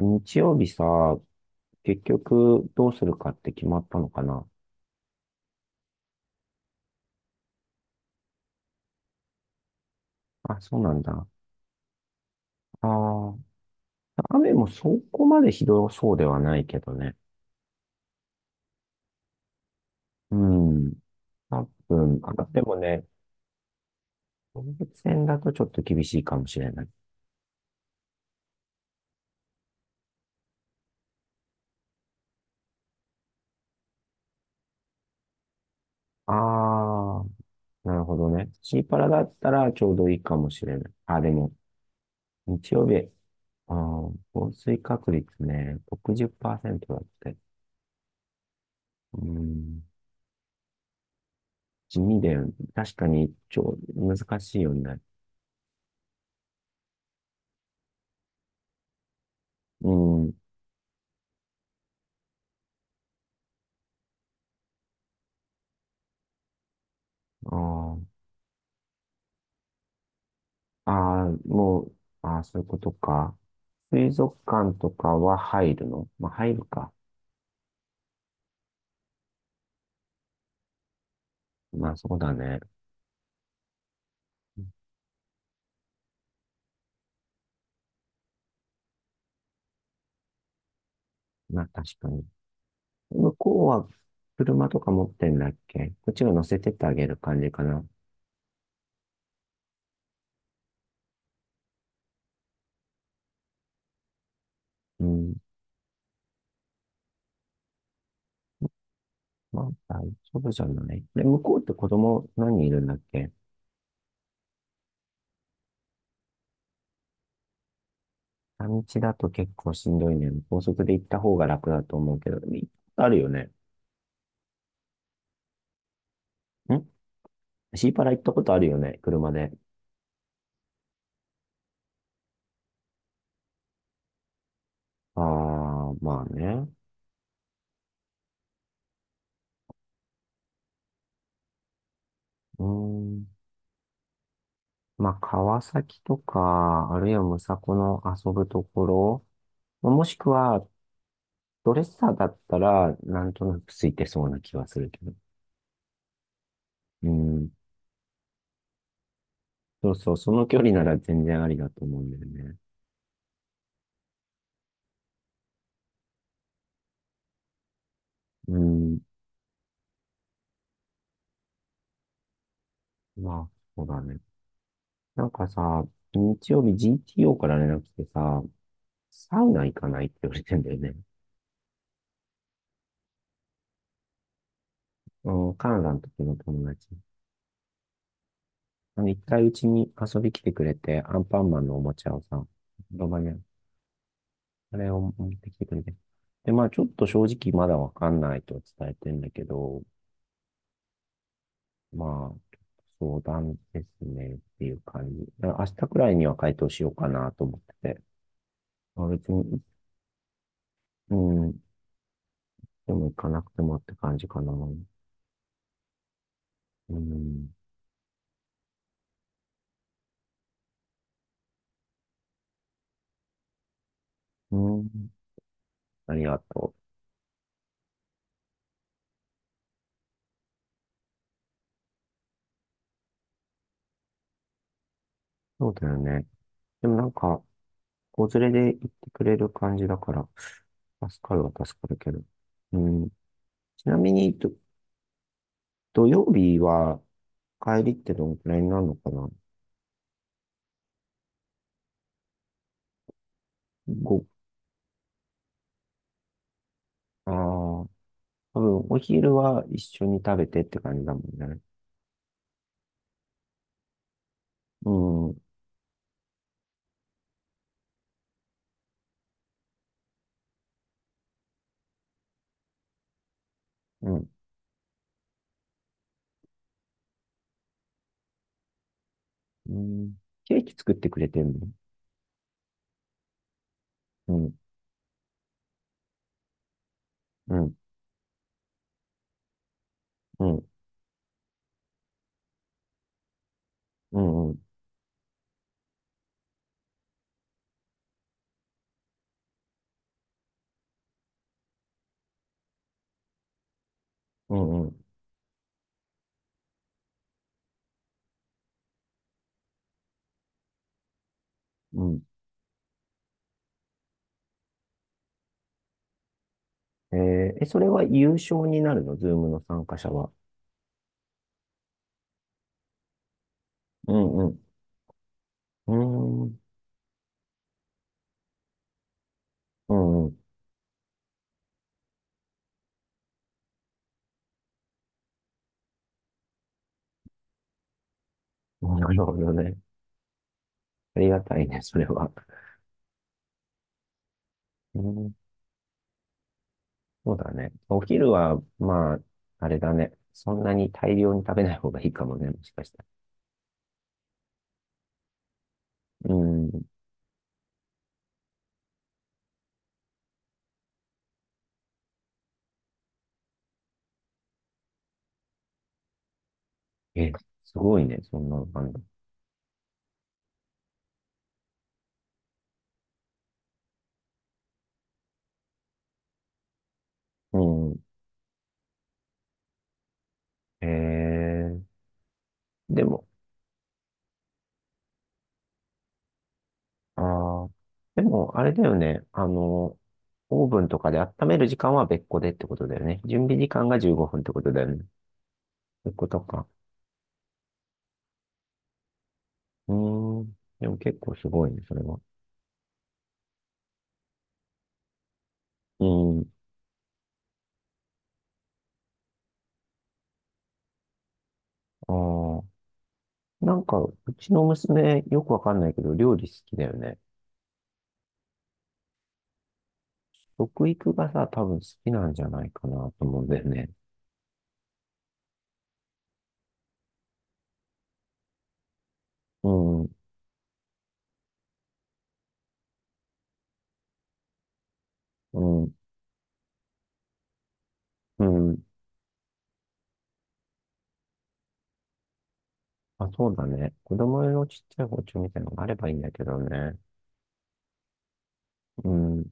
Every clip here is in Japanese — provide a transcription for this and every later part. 日曜日さ、結局どうするかって決まったのかな？あ、そうなんだ。ああ、雨もそこまでひどそうではないけどね。うん。多分、あ、でもね、動物園だとちょっと厳しいかもしれない。ああ、なるほどね。シーパラだったらちょうどいいかもしれない。あ、でも、日曜日、降水確率ね、60%だって。うん、地味で、確かに、難しいよね。うん。ああ、ああもう、ああ、そういうことか。水族館とかは入るのまあ、入るか。まあ、そうだね。まあ、確かに。向こうは車とか持ってんだっけ？こっちが乗せてってあげる感じかな？うん。まあ、大丈夫じゃない。で、向こうって子供何人いるんだっけ？半日だと結構しんどいね。高速で行った方が楽だと思うけど、あるよね。んシーパラ行ったことあるよね、車で。ああ、まあね。うーん。まあ、川崎とか、あるいはむさこの遊ぶところ、まあもしくは、ドレッサーだったら、なんとなくついてそうな気はするけど。うん。そうそう、その距離なら全然ありだと思うんだよね。うん。まあ、そうだね。なんかさ、日曜日 GTO から連絡来てさ、サウナ行かないって言われてんだよね。うん、カナダの時の友達。あの、一回うちに遊び来てくれて、アンパンマンのおもちゃをさ、ロバニャあれを持ってきてくれて。で、まあ、ちょっと正直まだわかんないと伝えてんだけど、まあ、相談ですねっていう感じ。だから明日くらいには回答しようかなと思ってて。まあ、別に、うん、でも行かなくてもって感じかな。うん、うん、ありがとう。そうだよね。でもなんか、子連れで行ってくれる感じだから、助かるは助かるけど。うん、ちなみに、土曜日は帰りってどのくらいになるのかな？ご、ああ、多分お昼は一緒に食べてって感じだもんね。うん、うん、うん。ケーキ作ってくれてんの？うん、うん、うん、うん、うん、うん、うん。うん。ええ、それは優勝になるの？ズームの参加者は？うん、うん、うん、うん、うん。なるほどね。ありがたいね、それは。うん、そうだね。お昼は、まあ、あれだね。そんなに大量に食べない方がいいかもね、もしかしたら。うん。え、すごいね、そんなのうん。ええでも、ああ、でも、あれだよね。あの、オーブンとかで温める時間は別個でってことだよね。準備時間が15分ってことだよね。そういうことか。うーん。でも結構すごいね、それは。うん。ああ。なんか、うちの娘、よくわかんないけど、料理好きだよね。食育がさ、多分好きなんじゃないかなと思うんだよね。うん。うん。うん。あ、そうだね。子供用のちっちゃい包丁みたいなのがあればいいんだけどね。うん。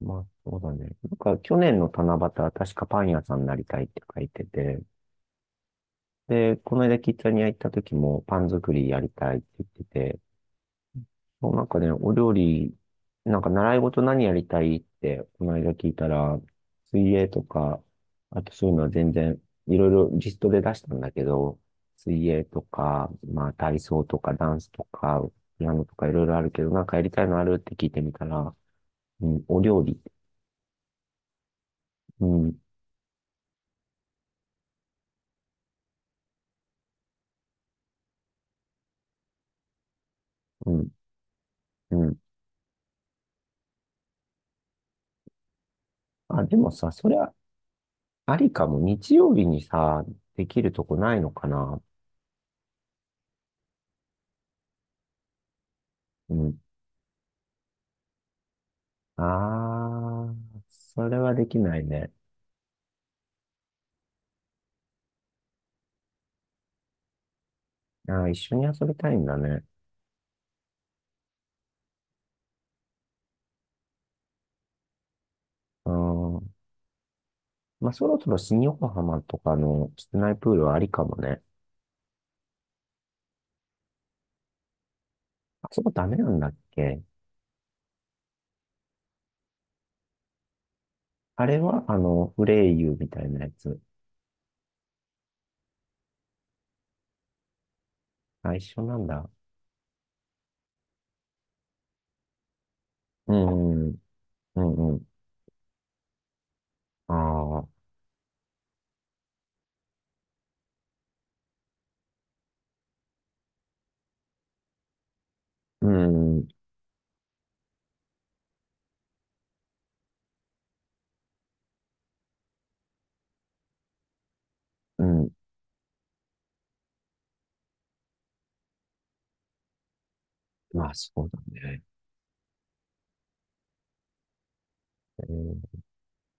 まあ、そうだね。なんか、去年の七夕は確かパン屋さんになりたいって書いてて、で、この間キッザニア行った時もパン作りやりたいって言ってて、もうなんかね、お料理、なんか習い事何やりたいって、この間聞いたら、水泳とか、あとそういうのは全然、いろいろリストで出したんだけど、水泳とか、まあ体操とかダンスとか、ピアノとかいろいろあるけど、なんかやりたいのあるって聞いてみたら、うん、お料理、うん、うん、うん。あ、でもさ、それはありかも。日曜日にさ、できるとこないのかな？うん。ああ、それはできないね。ああ、一緒に遊びたいんだね。うん。まあ、そろそろ新横浜とかの室内プールはありかもね。あそこダメなんだっけ？あれは、あの、フレイユみたいなやつ。あ、一緒なんだ。うん、うん、うん。ああ、うん、うん。まあ、そうだね。うん、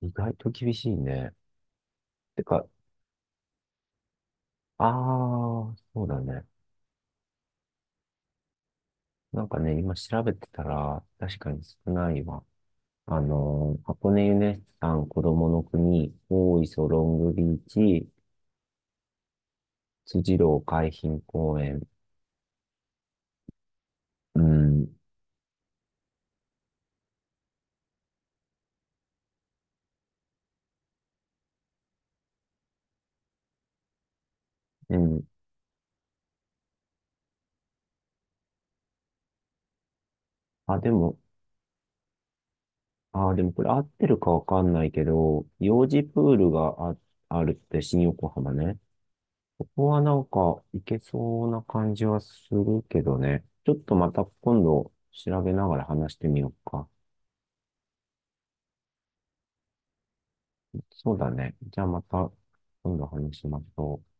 意外と厳しいね。てか、ああ、そうだね。なんかね、今調べてたら、確かに少ないわ。箱根ユネスさん、子供の国、大磯ロングビーチ、辻堂海浜公園。うん、うん。あ、でもこれ合ってるかわかんないけど、幼児プールがあるって新横浜ね。ここはなんか行けそうな感じはするけどね。ちょっとまた今度調べながら話してみようか。そうだね。じゃあまた今度話しましょう。